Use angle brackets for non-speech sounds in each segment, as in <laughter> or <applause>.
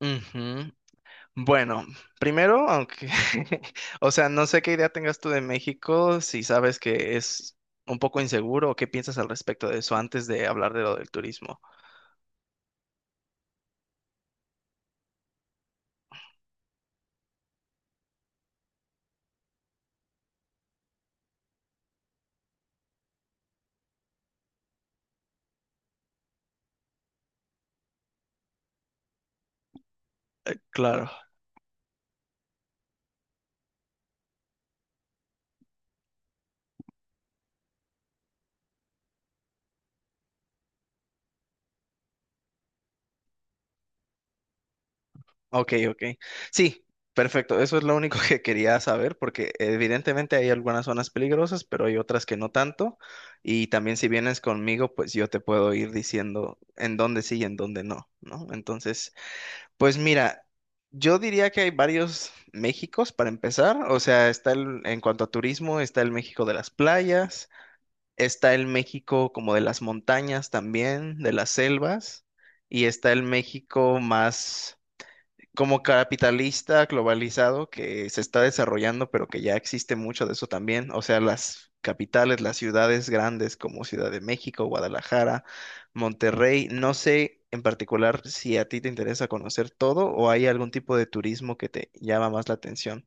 Ujú. Bueno, primero, aunque, <laughs> o sea, no sé qué idea tengas tú de México, si sabes que es un poco inseguro o qué piensas al respecto de eso antes de hablar de lo del turismo. Claro, ok, ok. Sí, perfecto, eso es lo único <laughs> que quería saber porque evidentemente hay algunas zonas peligrosas, pero hay otras que no tanto. Y también si vienes conmigo, pues yo te puedo ir diciendo en dónde sí y en dónde no, ¿no? Entonces... Pues mira, yo diría que hay varios Méxicos para empezar. O sea, está el, en cuanto a turismo, está el México de las playas, está el México como de las montañas también, de las selvas, y está el México más como capitalista globalizado que se está desarrollando, pero que ya existe mucho de eso también. O sea, las capitales, las ciudades grandes como Ciudad de México, Guadalajara, Monterrey. No sé en particular si a ti te interesa conocer todo o hay algún tipo de turismo que te llama más la atención.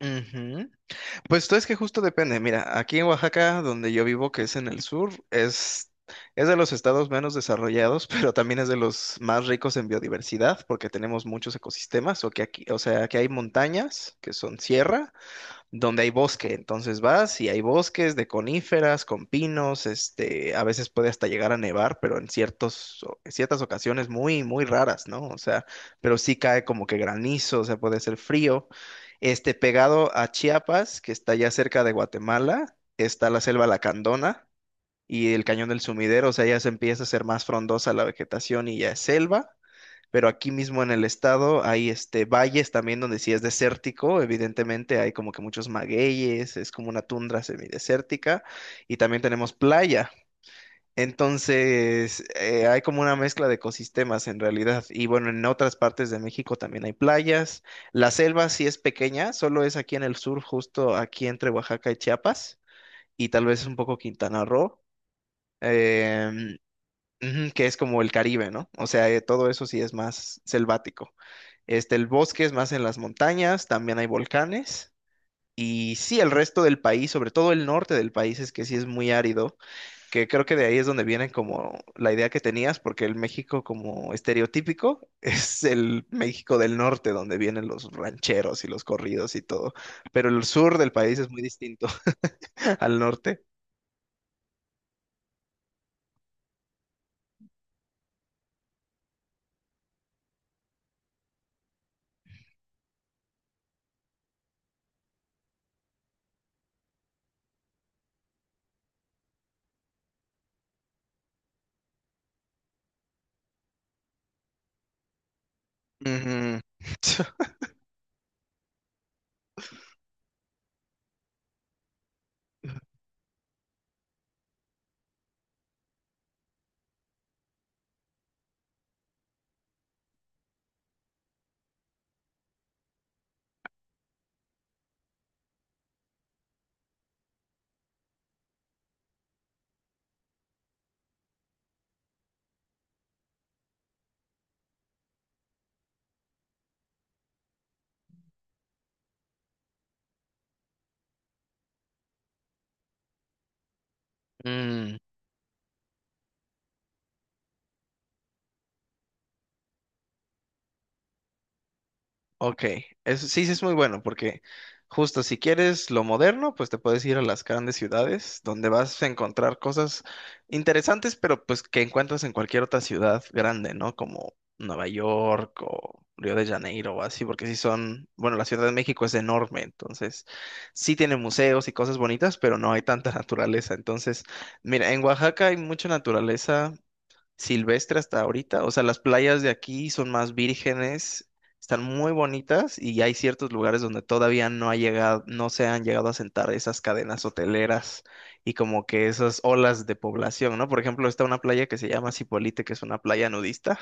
Ujú. Pues tú es que justo depende. Mira, aquí en Oaxaca, donde yo vivo, que es en el sur, es de los estados menos desarrollados, <laughs> pero también es de los más ricos en biodiversidad, porque tenemos muchos ecosistemas, o que aquí, o sea, que hay montañas, que son sierra, donde hay bosque. Entonces vas y hay bosques de coníferas, con pinos, este, a veces puede hasta llegar a nevar, pero en ciertos, en ciertas ocasiones muy, muy raras, ¿no? O sea, pero sí cae como que granizo, o sea, puede ser frío. Este, pegado a Chiapas, que está ya cerca de Guatemala, está la selva Lacandona y el Cañón del Sumidero, o sea, ya se empieza a ser más frondosa la vegetación y ya es selva, pero aquí mismo en el estado hay este valles también donde sí es desértico, evidentemente hay como que muchos magueyes, es como una tundra semidesértica y también tenemos playa. Entonces, hay como una mezcla de ecosistemas en realidad. Y bueno, en otras partes de México también hay playas. La selva sí es pequeña, solo es aquí en el sur, justo aquí entre Oaxaca y Chiapas, y tal vez un poco Quintana Roo. Em, Ujú, que es como el Caribe, ¿no? O sea, todo eso sí es más selvático. Este, el bosque es más en las montañas, también hay volcanes. Y sí, el resto del país, sobre todo el norte del país, es que sí es muy árido, que creo que de ahí es donde viene como la idea que tenías, porque el México como estereotípico <laughs> es el México del norte, donde vienen los rancheros y los corridos y todo, pero el sur del país es muy distinto <laughs> al norte. Ujú. <laughs> Mm. Ok, eso sí, sí es muy bueno porque justo si quieres lo moderno, pues te puedes ir a las grandes ciudades donde vas a encontrar cosas interesantes, pero pues que encuentras en cualquier otra ciudad grande, ¿no? Como Nueva York o Río de Janeiro o así, porque sí son, bueno, la Ciudad de México es enorme, entonces sí tiene museos y cosas bonitas, pero no hay tanta <laughs> naturaleza. Entonces, mira, en Oaxaca hay mucha naturaleza silvestre hasta ahorita. O sea, las playas de aquí son más vírgenes, están muy bonitas y hay ciertos lugares donde todavía no ha llegado, no se han llegado a sentar esas cadenas hoteleras y como que esas olas de población, ¿no? Por ejemplo, está una playa que se llama Cipolite, que es una playa nudista.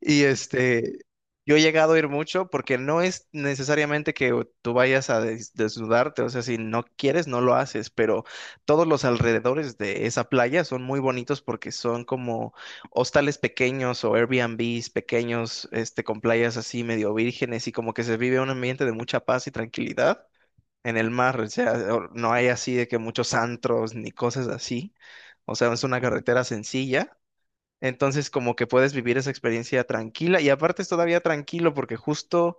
Y este, yo he llegado a ir mucho porque no es necesariamente que tú vayas a desnudarte, o sea, si no quieres, no lo haces, pero todos los alrededores de esa playa son muy bonitos porque son como hostales pequeños o Airbnbs pequeños, este, con playas así medio vírgenes y como que se vive un ambiente de mucha paz y tranquilidad en el mar, o sea, no hay así de que muchos antros ni cosas así, o sea, es una carretera sencilla. Entonces, como que puedes vivir esa experiencia tranquila y aparte es todavía tranquilo porque justo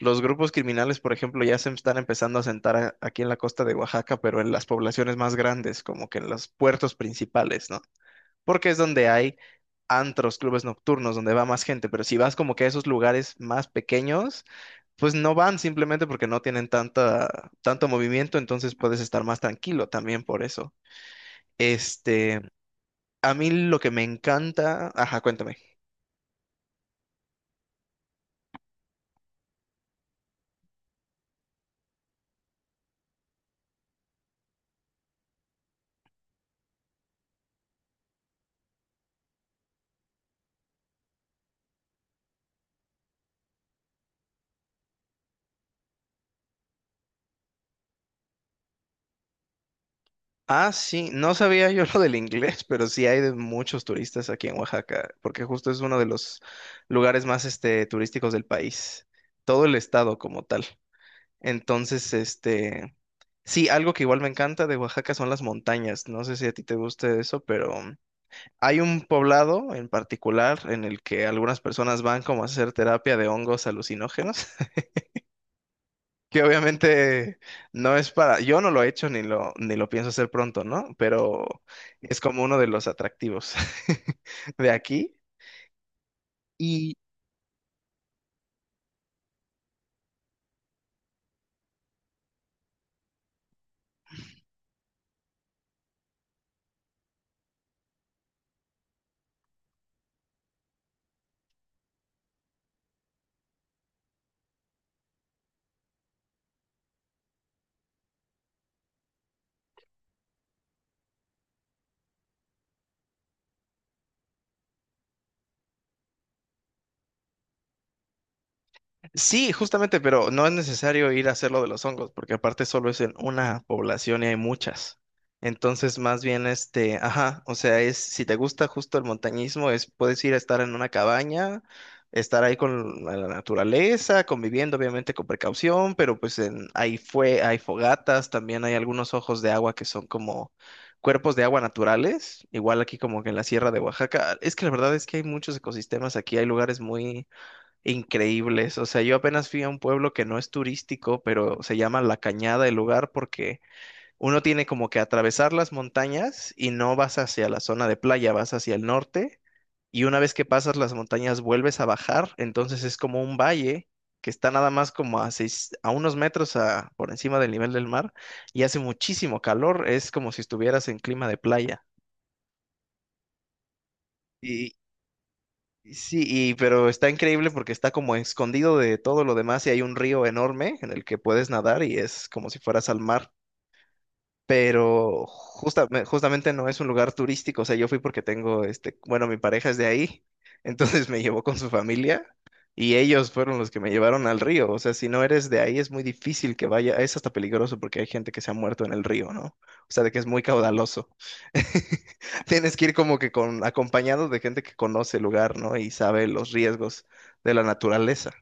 los grupos criminales, por ejemplo, ya se están empezando a sentar aquí en la costa de Oaxaca, pero en las poblaciones más grandes, como que en los puertos principales, ¿no? Porque es donde hay antros, clubes nocturnos, donde va más gente, pero si vas como que a esos lugares más pequeños, pues no van simplemente porque no tienen tanta, tanto movimiento, entonces puedes estar más tranquilo también por eso. Este, a mí lo que me encanta, ajá, cuéntame. Ah, sí, no sabía yo lo del inglés, pero sí hay de muchos turistas aquí en Oaxaca, porque justo es uno de los lugares más este, turísticos del país, todo el estado como tal. Entonces, este, sí, algo que igual me encanta de Oaxaca son las montañas. No sé si a ti te guste eso, pero hay un poblado en particular en el que algunas personas van como a hacer terapia de hongos alucinógenos que obviamente no es para, yo no lo he hecho ni lo, ni lo pienso hacer pronto, ¿no? Pero es como uno de los atractivos <laughs> de aquí. Sí, justamente, pero no es necesario ir a hacer lo de los hongos, porque aparte solo es en una población y hay muchas. Entonces, más bien, este, ajá, o sea, es, si te gusta justo el montañismo, es, puedes ir a estar en una cabaña, estar ahí con la naturaleza, conviviendo, obviamente, con precaución, pero pues en, ahí fue, hay fogatas, también hay algunos ojos de agua que son como cuerpos de agua naturales, igual aquí como que en la Sierra de Oaxaca. Es que la verdad es que hay muchos ecosistemas aquí, hay lugares muy increíbles. O sea, yo apenas fui a un pueblo que no es turístico, pero se llama La Cañada el lugar porque uno tiene como que atravesar las montañas y no vas hacia la zona de playa, vas hacia el norte y una vez que pasas las montañas vuelves a bajar, entonces es como un valle que está nada más como a seis, a unos metros por encima del nivel del mar y hace muchísimo calor, es como si estuvieras en clima de playa. Sí, y, pero está increíble porque está como escondido de todo lo demás y hay un río enorme en el que puedes nadar y es como si fueras al mar, pero justamente no es un lugar turístico, o sea, yo fui porque tengo, este, bueno, mi pareja es de ahí, <laughs> entonces me llevó con su familia y ellos fueron los que me llevaron al río, o sea, si no eres de ahí es muy difícil que vaya, es hasta peligroso porque hay gente que se ha muerto en el río, ¿no? O sea, de que es muy caudaloso. <laughs> Tienes que ir como que con, acompañado de gente que conoce el lugar, ¿no? Y sabe los riesgos de la naturaleza.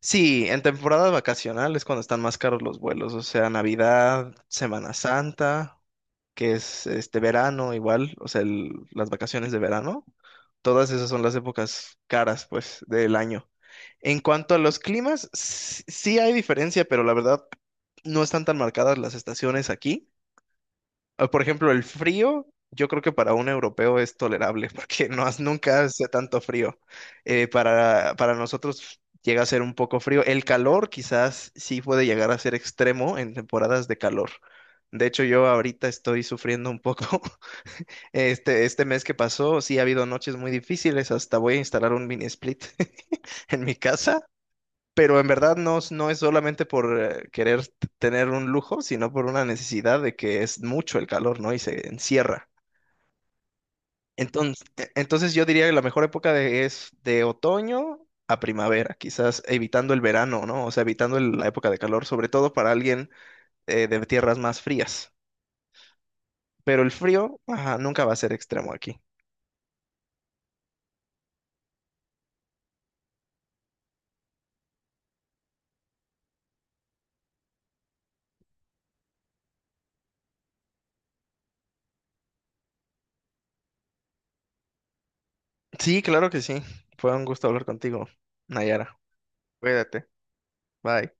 Sí, en temporada vacacional es cuando están más caros los vuelos, o sea, Navidad, Semana Santa, que es este verano igual, o sea, las vacaciones de verano, todas esas son las épocas caras, pues, del año. En cuanto a los climas, sí hay diferencia, pero la verdad no están tan marcadas las estaciones aquí. Ah, por ejemplo, el frío, yo creo que para un europeo es tolerable, <laughs> porque no, nunca hace tanto frío. Para para nosotros llega a ser un poco frío. El calor quizás sí puede llegar a ser extremo en temporadas de calor. De hecho, yo ahorita estoy sufriendo un poco. <laughs> Este mes que pasó, sí ha habido noches muy difíciles. Hasta voy a instalar un mini split <laughs> en mi casa, pero en verdad no, no es solamente por querer tener un lujo, sino por una necesidad de que es mucho el calor, ¿no? Y se encierra. Entonces, entonces yo diría que la mejor época de, es de otoño a primavera, quizás evitando el verano, ¿no? O sea, evitando la época de calor, sobre todo para alguien de tierras más frías. Pero el frío, ajá, nunca va a ser extremo aquí. Sí, claro que sí. Fue un gusto hablar contigo, Nayara. Cuídate. Bye.